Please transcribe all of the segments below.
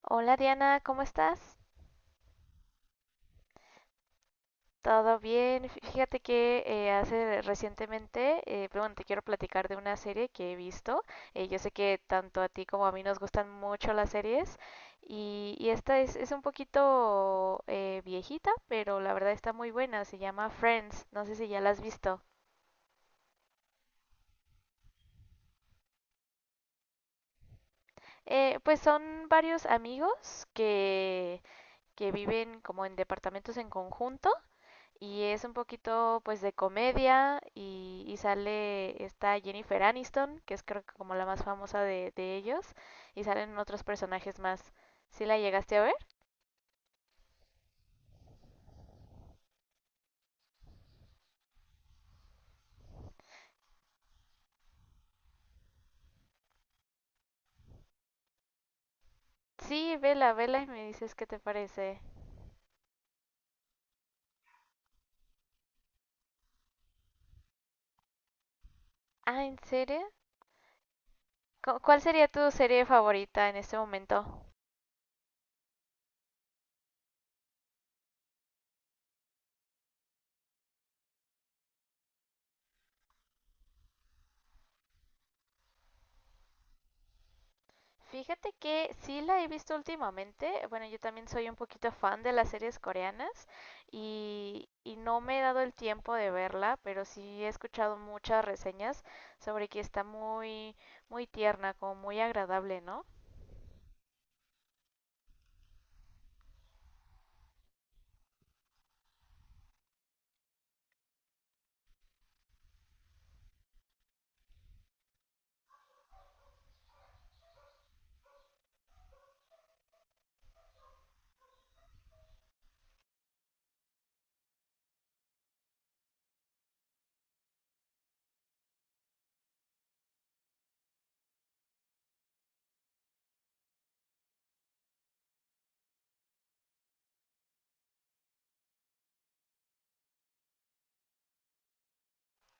Hola Diana, ¿cómo estás? ¿Todo bien? Fíjate que hace recientemente, pero bueno, te quiero platicar de una serie que he visto. Yo sé que tanto a ti como a mí nos gustan mucho las series y esta es un poquito viejita, pero la verdad está muy buena. Se llama Friends, no sé si ya la has visto. Pues son varios amigos que viven como en departamentos en conjunto y es un poquito pues de comedia y sale esta Jennifer Aniston, que es creo que como la más famosa de ellos, y salen otros personajes más. ¿Sí la llegaste a ver? Sí, vela, vela y me dices qué te parece. Ah, ¿en serio? ¿Cuál sería tu serie favorita en este momento? Fíjate que sí la he visto últimamente. Bueno, yo también soy un poquito fan de las series coreanas y no me he dado el tiempo de verla, pero sí he escuchado muchas reseñas sobre que está muy tierna, como muy agradable, ¿no?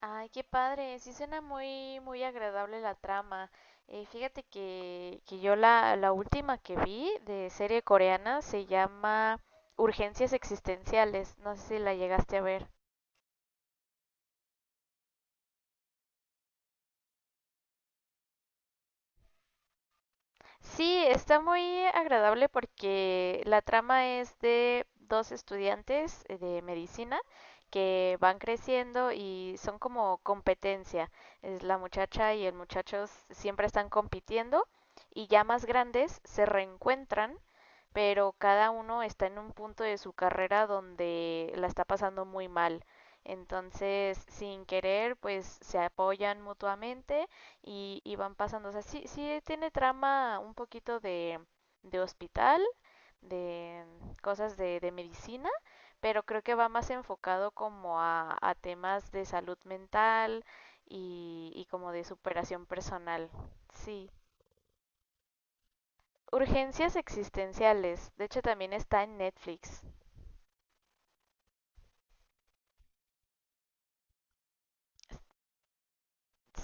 Ay, qué padre, sí suena muy, muy agradable la trama. Fíjate que yo la última que vi de serie coreana se llama Urgencias Existenciales. No sé si la llegaste a ver. Sí, está muy agradable porque la trama es de dos estudiantes de medicina que van creciendo y son como competencia. Es la muchacha y el muchacho siempre están compitiendo y ya más grandes se reencuentran, pero cada uno está en un punto de su carrera donde la está pasando muy mal. Entonces, sin querer, pues se apoyan mutuamente y van pasando. O sea, sí, sí tiene trama un poquito de hospital, de cosas de medicina, pero creo que va más enfocado como a temas de salud mental y como de superación personal. Sí. Urgencias existenciales. De hecho, también está en Netflix.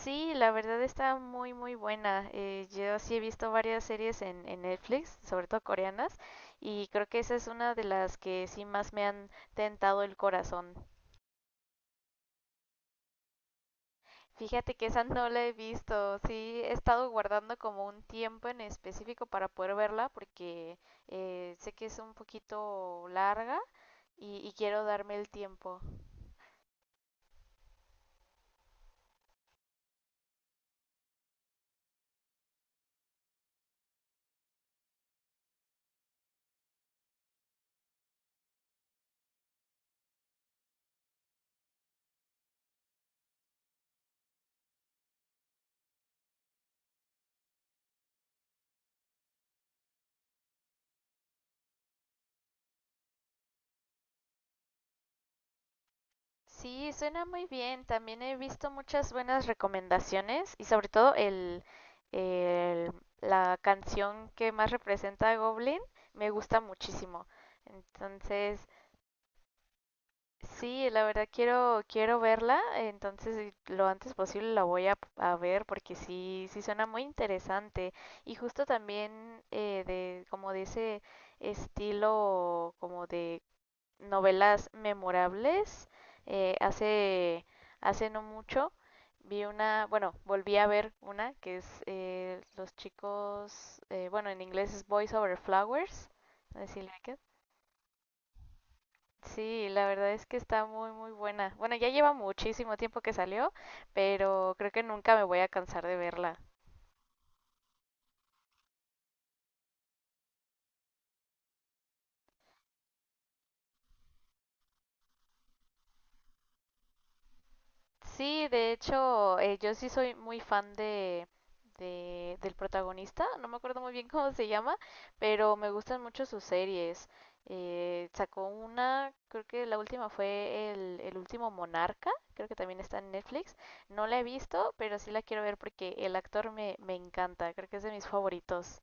Sí, la verdad está muy, muy buena. Yo sí he visto varias series en Netflix, sobre todo coreanas, y creo que esa es una de las que sí más me han tentado el corazón. Fíjate que esa no la he visto, sí he estado guardando como un tiempo en específico para poder verla porque sé que es un poquito larga y quiero darme el tiempo. Sí, suena muy bien. También he visto muchas buenas recomendaciones y sobre todo el- la canción que más representa a Goblin me gusta muchísimo. Entonces, sí, la verdad quiero quiero verla, entonces lo antes posible la voy a ver porque sí sí suena muy interesante y justo también de como de ese estilo como de novelas memorables. Eh, hace, hace no mucho vi una, bueno, volví a ver una que es Los chicos, bueno, en inglés es Boys Over Flowers. No si la ubicas. Sí, la verdad es que está muy, muy buena. Bueno, ya lleva muchísimo tiempo que salió, pero creo que nunca me voy a cansar de verla. Sí, de hecho, yo sí soy muy fan del protagonista, no me acuerdo muy bien cómo se llama, pero me gustan mucho sus series. Sacó una, creo que la última fue el último Monarca, creo que también está en Netflix. No la he visto, pero sí la quiero ver porque el actor me encanta, creo que es de mis favoritos.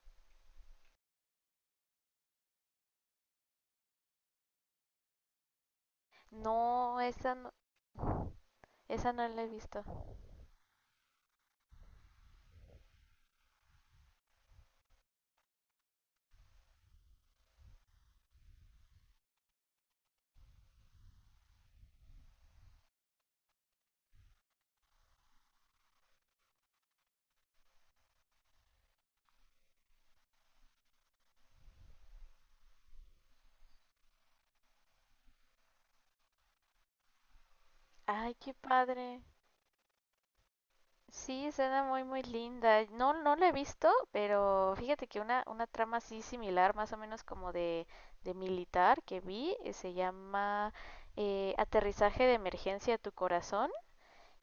No, esa no, esa no la he visto. Ay, qué padre. Sí, suena muy muy linda. No, no la he visto, pero fíjate que una trama así similar, más o menos como de militar que vi, se llama Aterrizaje de Emergencia a tu Corazón.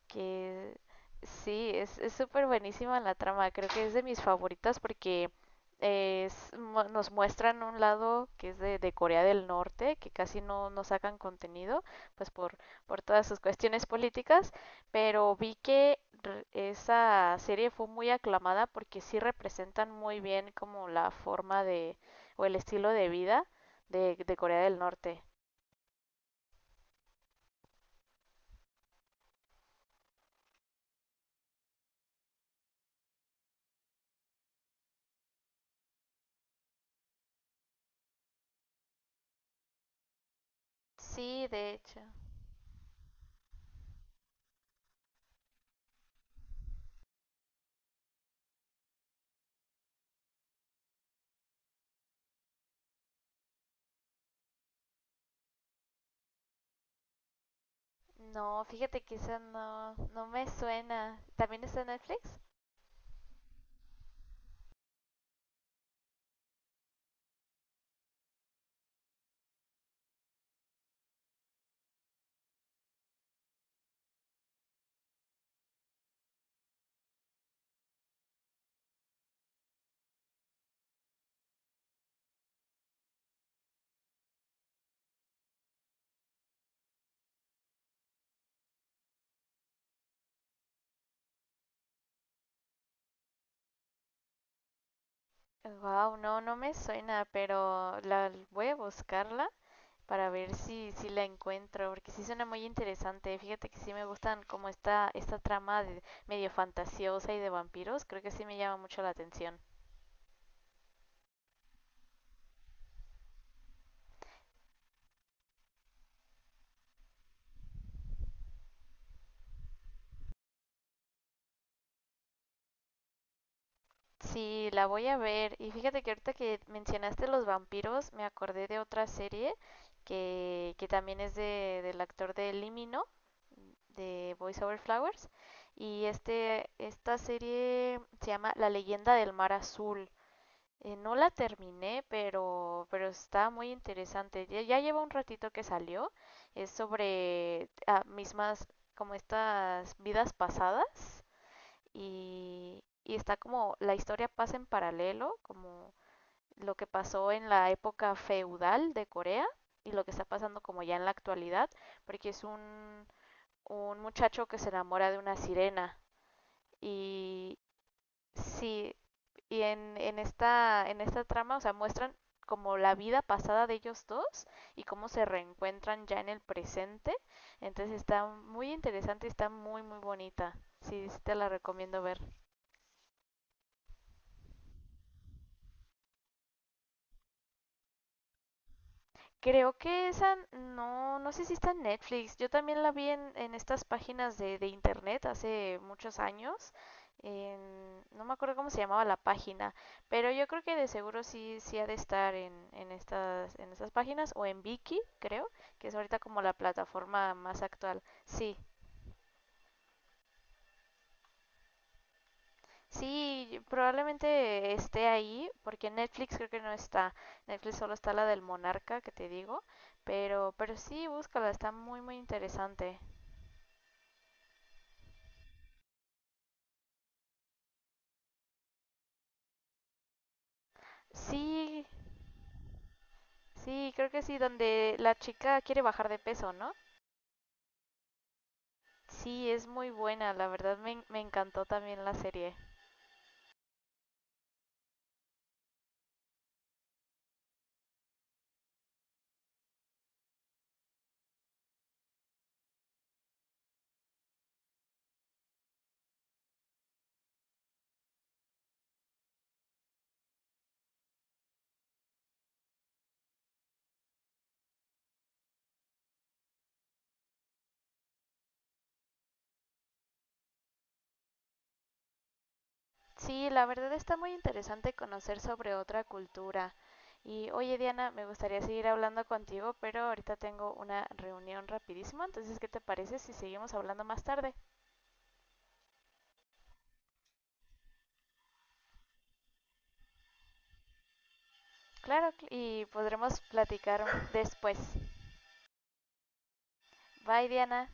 Que sí, es súper buenísima la trama. Creo que es de mis favoritas porque nos muestran un lado que es de Corea del Norte, que casi no, no sacan contenido, pues por todas sus cuestiones políticas, pero vi que esa serie fue muy aclamada porque sí representan muy bien como la forma de, o el estilo de vida de Corea del Norte. Sí, de hecho. No, fíjate que esa no, no me suena. ¿También está en Netflix? Wow, no, no me suena, pero la voy a buscarla para ver si, si la encuentro, porque sí suena muy interesante. Fíjate que sí me gustan como esta trama medio fantasiosa y de vampiros, creo que sí me llama mucho la atención. Sí, la voy a ver. Y fíjate que ahorita que mencionaste los vampiros, me acordé de otra serie que también es de, del actor de Limino, de Voice Over Flowers. Y este, esta serie se llama La leyenda del mar azul. No la terminé, pero está muy interesante. Ya, ya lleva un ratito que salió. Es sobre ah, mismas, como estas vidas pasadas y está como la historia pasa en paralelo, como lo que pasó en la época feudal de Corea y lo que está pasando como ya en la actualidad, porque es un muchacho que se enamora de una sirena y sí, y en esta trama, o sea, muestran como la vida pasada de ellos dos y cómo se reencuentran ya en el presente. Entonces está muy interesante, está muy, muy bonita. Sí, sí te la recomiendo ver. Creo que esa, no, no sé si está en Netflix. Yo también la vi en estas páginas de internet hace muchos años. No me acuerdo cómo se llamaba la página, pero yo creo que de seguro sí, sí ha de estar en estas páginas o en Viki, creo, que es ahorita como la plataforma más actual. Sí, sí, probablemente esté ahí, porque en Netflix creo que no está. Netflix solo está la del Monarca, que te digo, pero sí, búscala, está muy, muy interesante. Sí, sí, creo que sí, donde la chica quiere bajar de peso, ¿no? Sí, es muy buena, la verdad me encantó también la serie. Sí, la verdad está muy interesante conocer sobre otra cultura. Y oye Diana, me gustaría seguir hablando contigo, pero ahorita tengo una reunión rapidísimo, entonces ¿qué te parece si seguimos hablando más tarde? Claro, y podremos platicar después. Bye Diana.